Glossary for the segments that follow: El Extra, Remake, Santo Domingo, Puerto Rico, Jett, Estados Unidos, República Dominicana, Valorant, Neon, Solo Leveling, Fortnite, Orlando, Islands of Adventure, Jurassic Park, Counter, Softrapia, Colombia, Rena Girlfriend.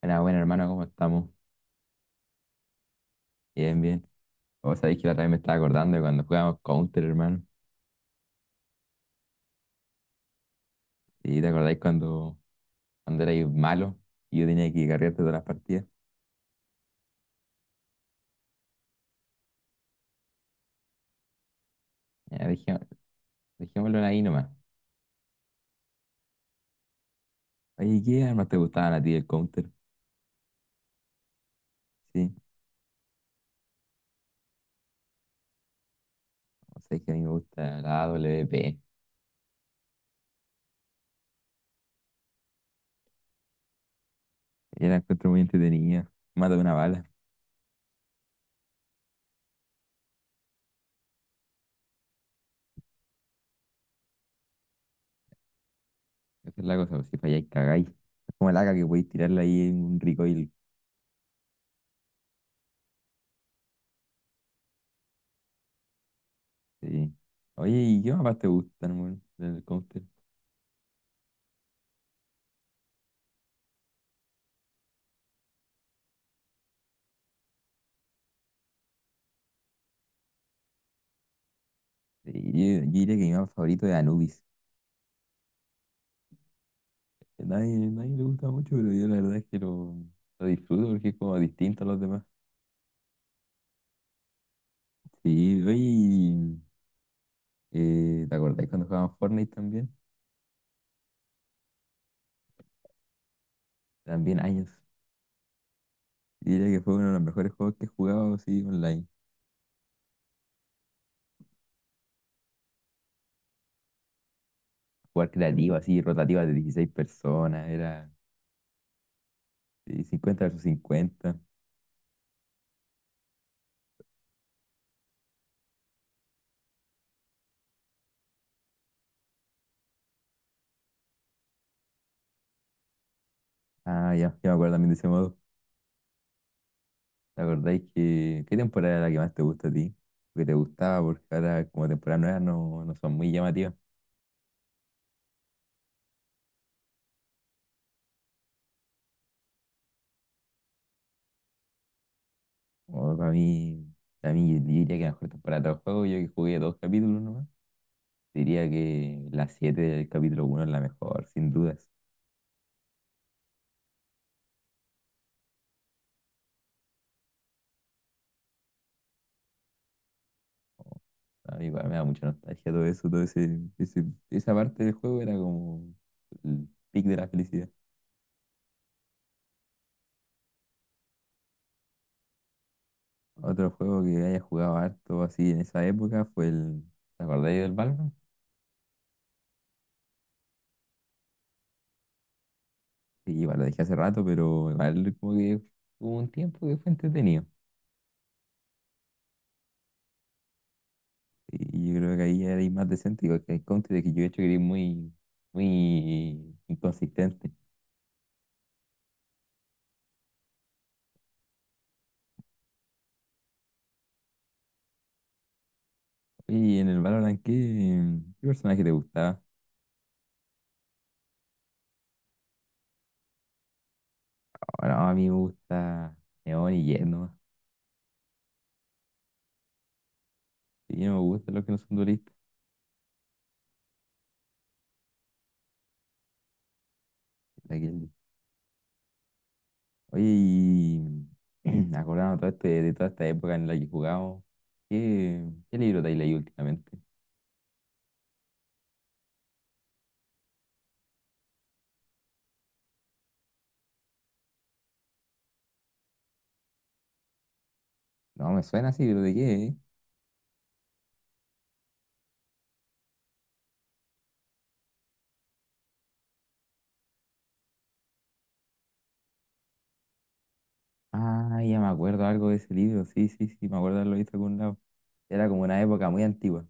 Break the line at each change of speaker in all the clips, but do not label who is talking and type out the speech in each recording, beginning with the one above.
Buena, buena, hermano, ¿cómo estamos? Bien, bien. Vos sabéis que la otra vez me estaba acordando de cuando jugábamos Counter, hermano. ¿Y te acordáis cuando erais malo y yo tenía que cargarte todas las partidas? Ya, dejémoslo ahí nomás. Oye, ¿qué armas te gustaban a ti del Counter? Sí, vos sabéis que a mí me gusta la A W AWP. Yo la encuentro muy entretenida. Mata de una bala. Esa es la cosa, pues, si falláis, cagáis. Es como el AK que podéis tirarla ahí en un recoil. Sí. Oye, ¿y qué mapas te gustan, hermano, del Counter? Sí, yo diría que mi mapa favorito es Anubis, que nadie le gusta mucho, pero yo la verdad es que lo disfruto porque es como distinto a los demás. Sí, oye, ¿te acordás cuando jugaban Fortnite también? También años. Yo diría que fue uno de los mejores juegos que he jugado así online. Jugar creativo, así, rotativa de 16 personas, era sí, 50 versus 50. Ah, ya, ya me acuerdo también de ese modo. ¿Te acordáis que qué temporada era la que más te gusta a ti? Que te gustaba porque ahora como temporadas nuevas no, no son muy llamativas. O para mí, yo diría que la mejor temporada de todo el juego, yo que jugué dos capítulos nomás, diría que la 7 del capítulo uno es la mejor, sin dudas. O, a mí igual me da mucha nostalgia todo eso, esa parte del juego era como el pic de la felicidad. Otro juego que haya jugado harto así en esa época fue el, ¿te acordáis del Valorant? Sí, igual lo dejé hace rato, pero igual como que hubo un tiempo que fue entretenido. Y yo creo que ahí eres más decente, igual que el Counter, que yo he hecho que eres muy, muy inconsistente. Oye, y en el Valorant, ¿qué personaje te gustaba? Ahora a mí me gusta Neon y Jett nomás. Sí, no me gustan los que no son duelistas. La que- Oye, y acordando todo este, de toda esta época en la que jugamos, ¿qué libro te has leído últimamente? No, me suena así, pero ¿de qué? ¿eh? Ah, ya me acuerdo algo de ese libro, sí, sí, sí, me acuerdo de haberlo visto en algún lado. Era como una época muy antigua.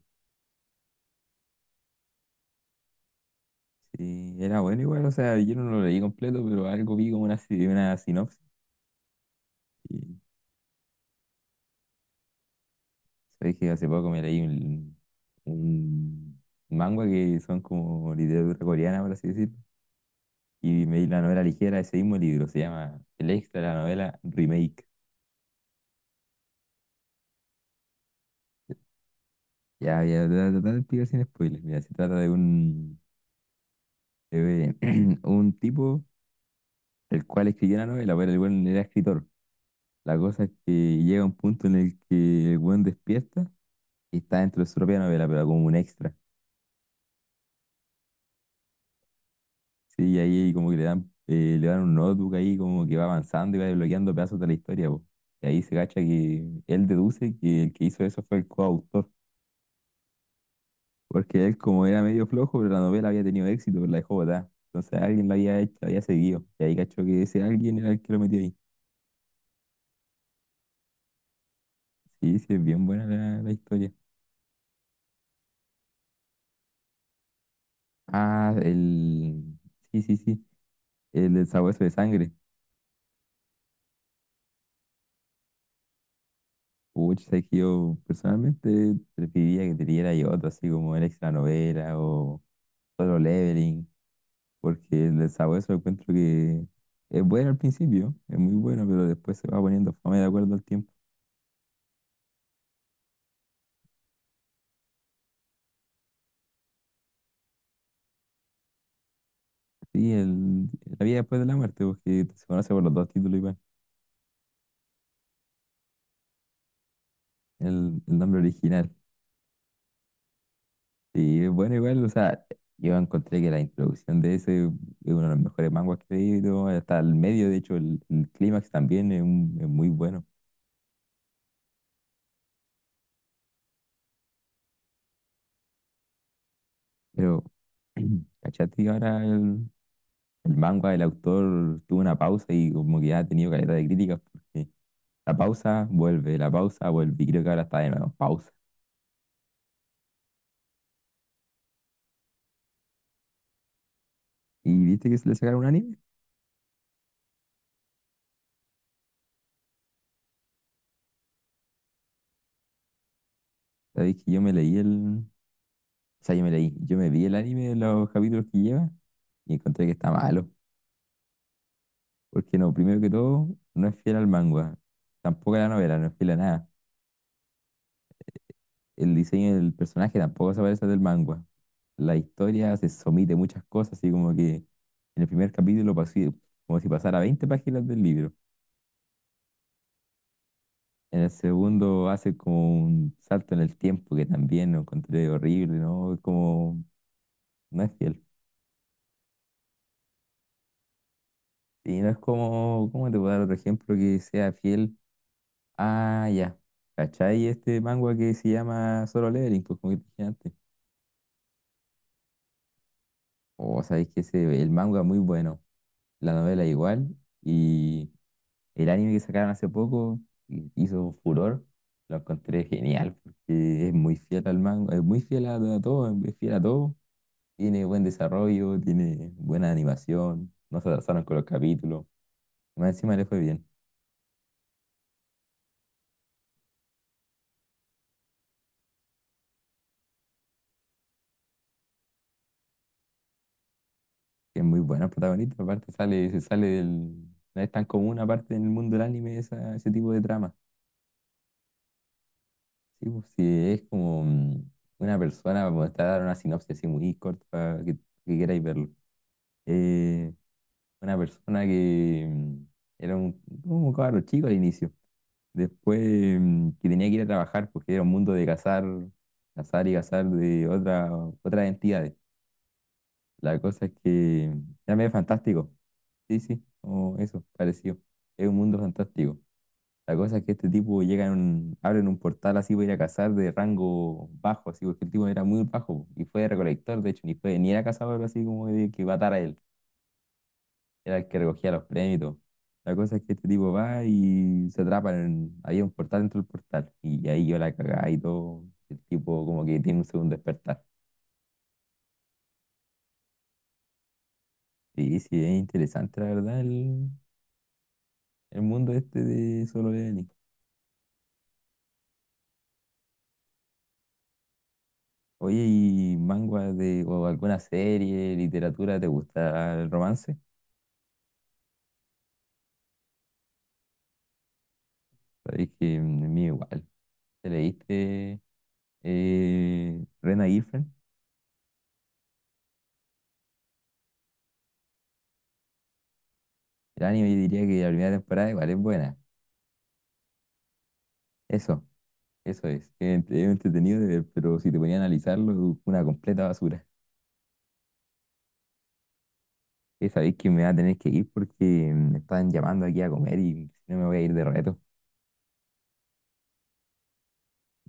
Sí, era bueno igual, o sea, yo no lo leí completo, pero algo vi como una, si- una sinopsis. Y sabes que hace poco me leí un manga que son como literatura coreana, por así decirlo. Y me di la novela ligera de ese mismo libro, se llama El Extra, la novela Remake. Ya, ya, te voy a tratar de explicar sin spoilers. Mira, se trata de un tipo el cual escribió una novela, pero el buen era escritor. La cosa es que llega un punto en el que el buen despierta y está dentro de su propia novela, pero como un extra. Sí, ahí como que le dan un notebook ahí como que va avanzando y va desbloqueando pedazos de la historia, po. Y ahí se cacha que él deduce que el que hizo eso fue el coautor, porque él como era medio flojo, pero la novela había tenido éxito, pero la dejó botada. Entonces alguien la había hecho, la había seguido. Y ahí cachó que ese alguien era el que lo metió ahí. Sí, sí, es bien buena la historia. Ah. Sí, sí, sí, el del sabueso de sangre. Pucha, sabes que yo personalmente preferiría que te diera yo otro, así como el extra novela o solo leveling. Porque el de Sabueso encuentro que es bueno al principio, es muy bueno, pero después se va poniendo fome de acuerdo al tiempo. Sí, la vida después de la muerte, porque se conoce por los dos títulos igual, el nombre original. Sí, es bueno igual, o sea, yo encontré que la introducción de ese es uno de los mejores manguas que he leído, hasta el medio, de hecho, el clímax también es muy bueno, pero. ¿Cachate? Que ahora el manga, el autor tuvo una pausa y como que ya ha tenido calidad de críticas porque la pausa vuelve, la pausa vuelve. Y creo que ahora está de nuevo, pausa. ¿Y viste que se le sacaron un anime? Sabéis que yo me leí el. O sea, yo me leí, yo me vi el anime de los capítulos que lleva y encontré que está malo. Porque no, primero que todo, no es fiel al manga. Tampoco a la novela, no es fiel a nada. El diseño del personaje tampoco se parece al del manga. La historia se somete a muchas cosas, así como que en el primer capítulo pasó como si pasara 20 páginas del libro. En el segundo hace como un salto en el tiempo que también lo encontré horrible, ¿no? Es como, no es fiel. Y no es como, ¿cómo te puedo dar otro ejemplo que sea fiel? Ah, ya. ¿Cachai? Este manga que se llama Solo Leveling, pues como que te dije antes. O sabéis que ese, el manga es muy bueno, la novela igual, y el anime que sacaron hace poco hizo furor, lo encontré genial, porque es muy fiel al manga, es muy fiel a todo, es fiel a todo. Tiene buen desarrollo, tiene buena animación, no se atrasaron con los capítulos. Y más encima le fue bien. Que es muy buena el protagonista, aparte sale, se sale del. No es tan común aparte en el mundo del anime ese tipo de trama. Sí, pues sí, es como una persona, como te voy a dar una sinopsis así muy corta para que, queráis verlo. Eh, una persona que era como un cabro chico al inicio. Después que tenía que ir a trabajar porque era un mundo de cazar, cazar y cazar de otra, otras entidades. La cosa es que era medio fantástico. Sí, sí, como eso, parecido. Es un mundo fantástico. La cosa es que este tipo llega en un, abren un portal así para ir a cazar de rango bajo, así porque el tipo era muy bajo y fue recolector, de hecho, ni fue, ni era cazador así como de que matara a él. Era el que recogía los premios y todo. La cosa es que este tipo va y se atrapa en, había un portal dentro del portal. Y ahí yo la cagaba y todo. El tipo como que tiene un segundo despertar. Sí, sí, es interesante la verdad el mundo este de Solo Leveling. Oye, ¿y manga de, o alguna serie, literatura, te gusta el romance? Sabéis que a mí igual. ¿Te leíste Rena Girlfriend? El anime yo diría que la primera temporada igual es buena. Eso. Eso es entretenido, pero si te ponía a analizarlo, una completa basura. Esa vez que me va a tener que ir porque me están llamando aquí a comer y si no me voy a ir de reto.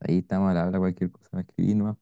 Ahí estamos al habla, cualquier cosa me escribí nomás.